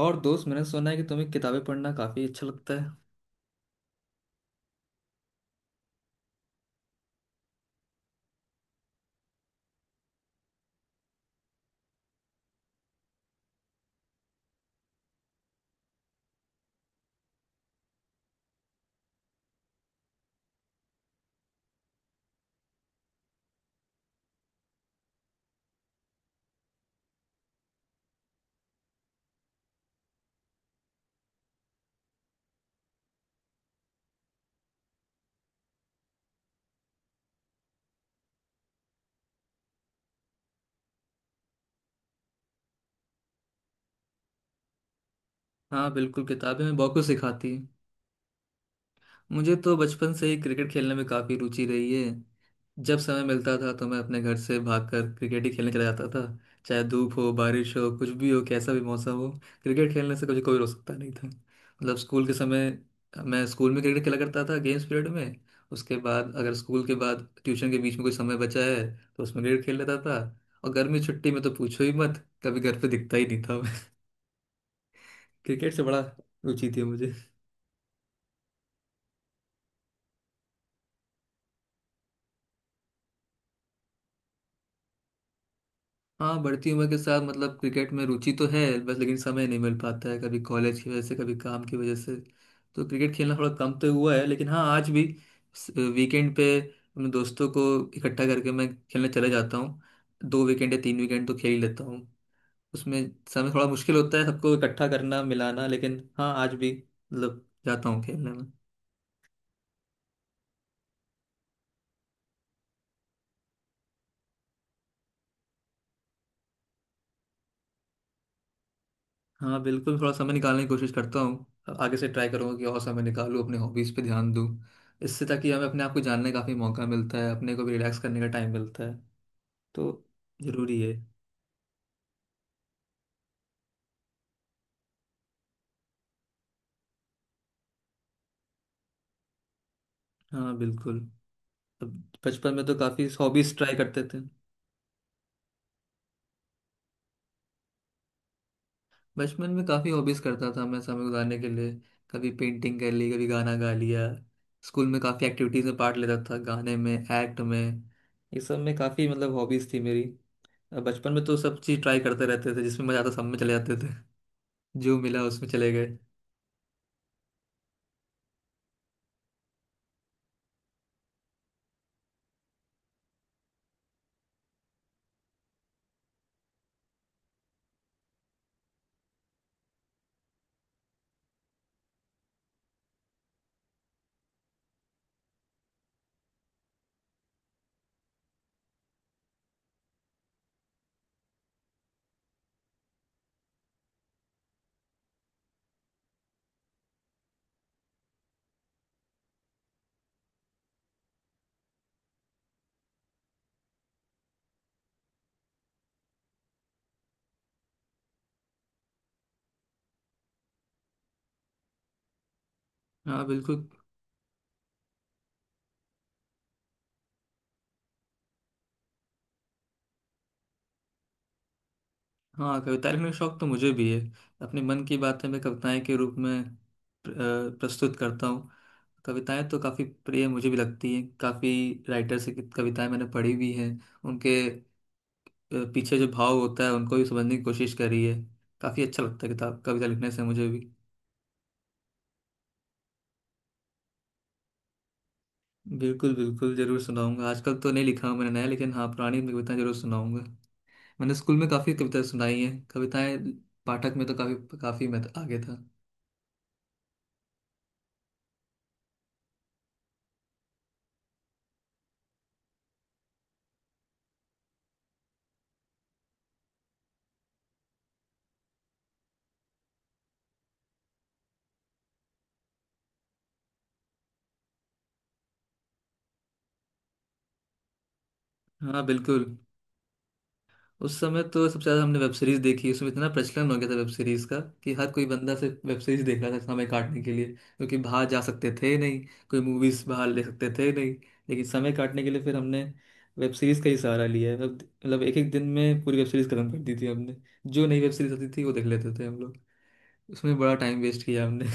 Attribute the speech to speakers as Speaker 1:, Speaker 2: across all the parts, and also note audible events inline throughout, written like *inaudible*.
Speaker 1: और दोस्त, मैंने सुना है कि तुम्हें किताबें पढ़ना काफी अच्छा लगता है। हाँ बिल्कुल, किताबें हमें बहुत कुछ सिखाती हैं। मुझे तो बचपन से ही क्रिकेट खेलने में काफी रुचि रही है। जब समय मिलता था तो मैं अपने घर से भागकर क्रिकेट ही खेलने चला जाता था। चाहे धूप हो बारिश हो कुछ भी हो, कैसा भी मौसम हो, क्रिकेट खेलने से कभी कोई रोक सकता नहीं था। मतलब स्कूल के समय मैं स्कूल में क्रिकेट खेला करता था, गेम्स पीरियड में। उसके बाद अगर स्कूल के बाद ट्यूशन के बीच में कोई समय बचा है तो उसमें क्रिकेट खेल लेता था। और गर्मी छुट्टी में तो पूछो ही मत, कभी घर पे दिखता ही नहीं था। क्रिकेट से बड़ा रुचि थी मुझे। हाँ बढ़ती उम्र के साथ मतलब क्रिकेट में रुचि तो है बस, लेकिन समय नहीं मिल पाता है, कभी कॉलेज की वजह से कभी काम की वजह से। तो क्रिकेट खेलना थोड़ा कम तो हुआ है, लेकिन हाँ आज भी वीकेंड पे अपने दोस्तों को इकट्ठा करके मैं खेलने चले जाता हूँ। 2 वीकेंड या 3 वीकेंड तो खेल ही लेता हूँ उसमें। समय थोड़ा मुश्किल होता है सबको इकट्ठा करना मिलाना, लेकिन हाँ आज भी मतलब जाता हूँ खेलने में। हाँ बिल्कुल, थोड़ा समय निकालने की कोशिश करता हूँ। आगे से ट्राई करूँगा कि और समय निकालूँ, अपने हॉबीज़ पे ध्यान दूँ इससे। ताकि हमें अपने आप को जानने का काफ़ी मौका मिलता है, अपने को भी रिलैक्स करने का टाइम मिलता है, तो ज़रूरी है। हाँ बिल्कुल, अब बचपन में तो काफ़ी हॉबीज़ ट्राई करते थे। बचपन में काफ़ी हॉबीज़ करता था मैं समय गुजारने के लिए। कभी पेंटिंग कर ली, कभी गाना गा लिया। स्कूल में काफ़ी एक्टिविटीज़ में पार्ट लेता था, गाने में, एक्ट में, ये सब में। काफ़ी मतलब हॉबीज़ थी मेरी। अब बचपन में तो सब चीज़ ट्राई करते रहते थे, जिसमें मज़ा आता सब में चले जाते थे, जो मिला उसमें चले गए। हाँ बिल्कुल। हाँ, कविता लिखने का शौक तो मुझे भी है। अपने मन की बातें मैं कविताएं के रूप में प्र- प्रस्तुत करता हूँ। कविताएं तो काफ़ी प्रिय मुझे भी लगती हैं। काफ़ी राइटर से कविताएं मैंने पढ़ी भी हैं। उनके पीछे जो भाव होता है उनको भी समझने की कोशिश करी है। काफ़ी अच्छा लगता है किताब कविता लिखने से मुझे भी। बिल्कुल बिल्कुल ज़रूर सुनाऊंगा। आजकल तो नहीं लिखा हूं मैंने नया, लेकिन हाँ पुरानी में कविताएं जरूर सुनाऊंगा। मैंने स्कूल में काफ़ी कविताएं सुनाई हैं। कविताएं पाठक में तो काफ़ी, काफ़ी मैं तो आगे था। हाँ बिल्कुल, उस समय तो सबसे ज्यादा हमने वेब सीरीज देखी। उसमें इतना प्रचलन हो गया था वेब सीरीज का कि हर कोई बंदा सिर्फ वेब सीरीज देख रहा था समय काटने के लिए। क्योंकि बाहर जा सकते थे नहीं, कोई मूवीज बाहर ले सकते थे नहीं, लेकिन समय काटने के लिए फिर हमने वेब सीरीज का ही सहारा लिया है। मतलब एक एक दिन में पूरी वेब सीरीज खत्म कर दी थी हमने। जो नई वेब सीरीज आती थी वो देख लेते थे हम लोग। उसमें बड़ा टाइम वेस्ट किया हमने।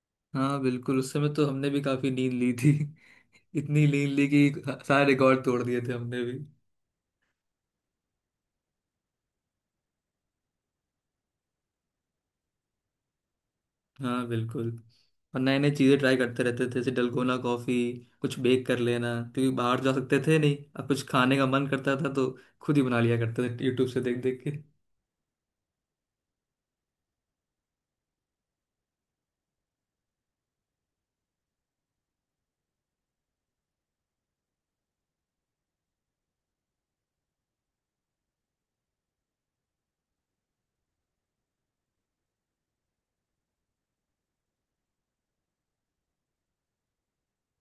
Speaker 1: *laughs* हाँ बिल्कुल, उस समय तो हमने भी काफी नींद ली थी। इतनी नींद ली कि सारे रिकॉर्ड तोड़ दिए थे हमने। हाँ बिल्कुल, और नए नए चीज़ें ट्राई करते रहते थे, जैसे डलगोना कॉफ़ी, कुछ बेक कर लेना। क्योंकि बाहर जा सकते थे नहीं, अब कुछ खाने का मन करता था तो खुद ही बना लिया करते थे, यूट्यूब से देख देख के।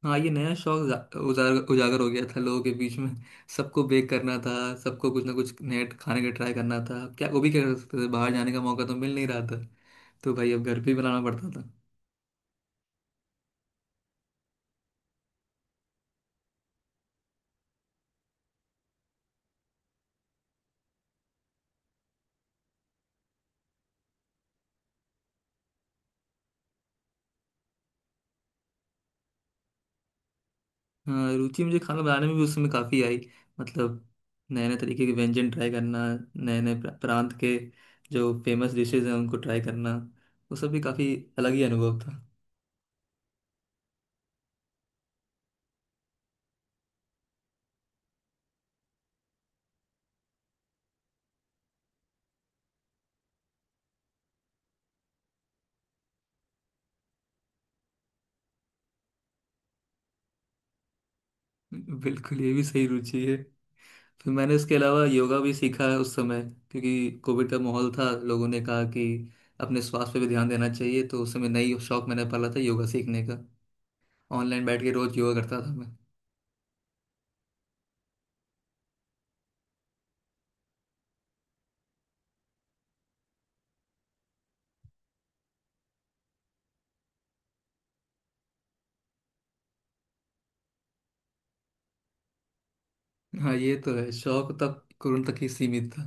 Speaker 1: हाँ, ये नया शौक जा- उजागर उजागर हो गया था लोगों के बीच में। सबको बेक करना था, सबको कुछ ना कुछ नए खाने का ट्राई करना था। क्या वो भी क्या कर सकते थे, बाहर जाने का मौका तो मिल नहीं रहा था, तो भाई अब घर पे ही बनाना पड़ता था। हाँ, रुचि मुझे खाना बनाने में भी उस समय काफ़ी आई। मतलब नए नए तरीके के व्यंजन ट्राई करना, नए नए प्रांत के जो फेमस डिशेज हैं उनको ट्राई करना, वो सब भी काफ़ी अलग ही अनुभव था। बिल्कुल, ये भी सही रुचि है। फिर मैंने इसके अलावा योगा भी सीखा है उस समय, क्योंकि कोविड का माहौल था, लोगों ने कहा कि अपने स्वास्थ्य पे भी ध्यान देना चाहिए, तो उस समय नई शौक मैंने पाला था योगा सीखने का। ऑनलाइन बैठ के रोज योगा करता था मैं। हाँ ये तो है, शौक तब कोरोना तक ही सीमित था।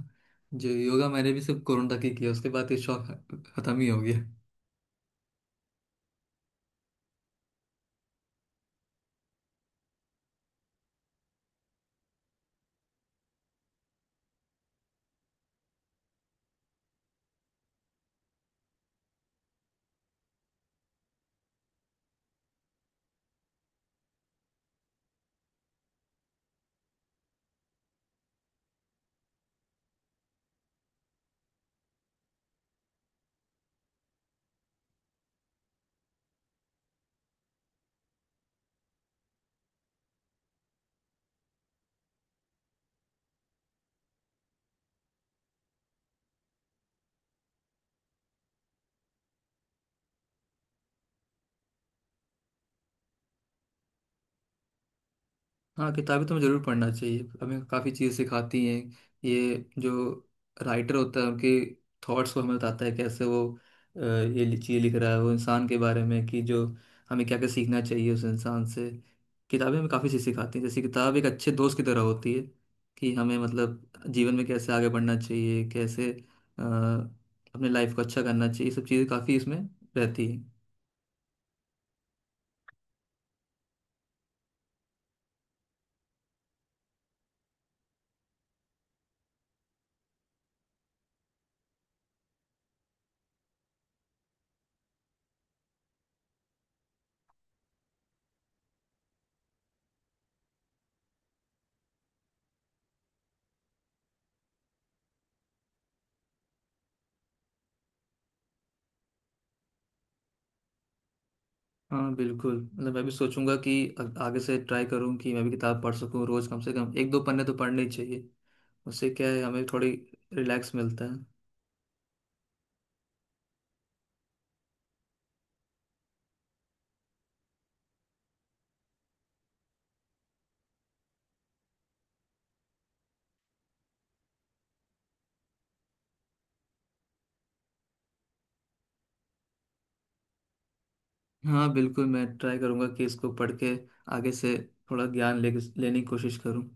Speaker 1: जो योगा मैंने भी सिर्फ कोरोना तक ही किया, उसके बाद ये शौक खत्म ही हो गया। हाँ, किताबें तो हमें जरूर पढ़ना चाहिए, हमें काफ़ी चीज़ सिखाती हैं। ये जो राइटर होता है उनके थॉट्स को हमें बताता है, कैसे वो ये चीज़ लिख रहा है, वो इंसान के बारे में कि जो हमें क्या क्या सीखना चाहिए उस इंसान से। किताबें हमें काफ़ी चीज़ सिखाती हैं, जैसे किताब एक अच्छे दोस्त की तरह होती है। कि हमें मतलब जीवन में कैसे आगे बढ़ना चाहिए, कैसे अपने लाइफ को अच्छा करना चाहिए, ये सब चीज़ें काफ़ी इसमें रहती हैं। हाँ बिल्कुल, मतलब मैं भी सोचूंगा कि आगे से ट्राई करूँ कि मैं भी किताब पढ़ सकूँ। रोज कम से कम एक दो पन्ने तो पढ़ने ही चाहिए, उससे क्या है हमें थोड़ी रिलैक्स मिलता है। हाँ बिल्कुल, मैं ट्राई करूंगा कि इसको पढ़ के आगे से थोड़ा ज्ञान ले लेने की कोशिश करूँ।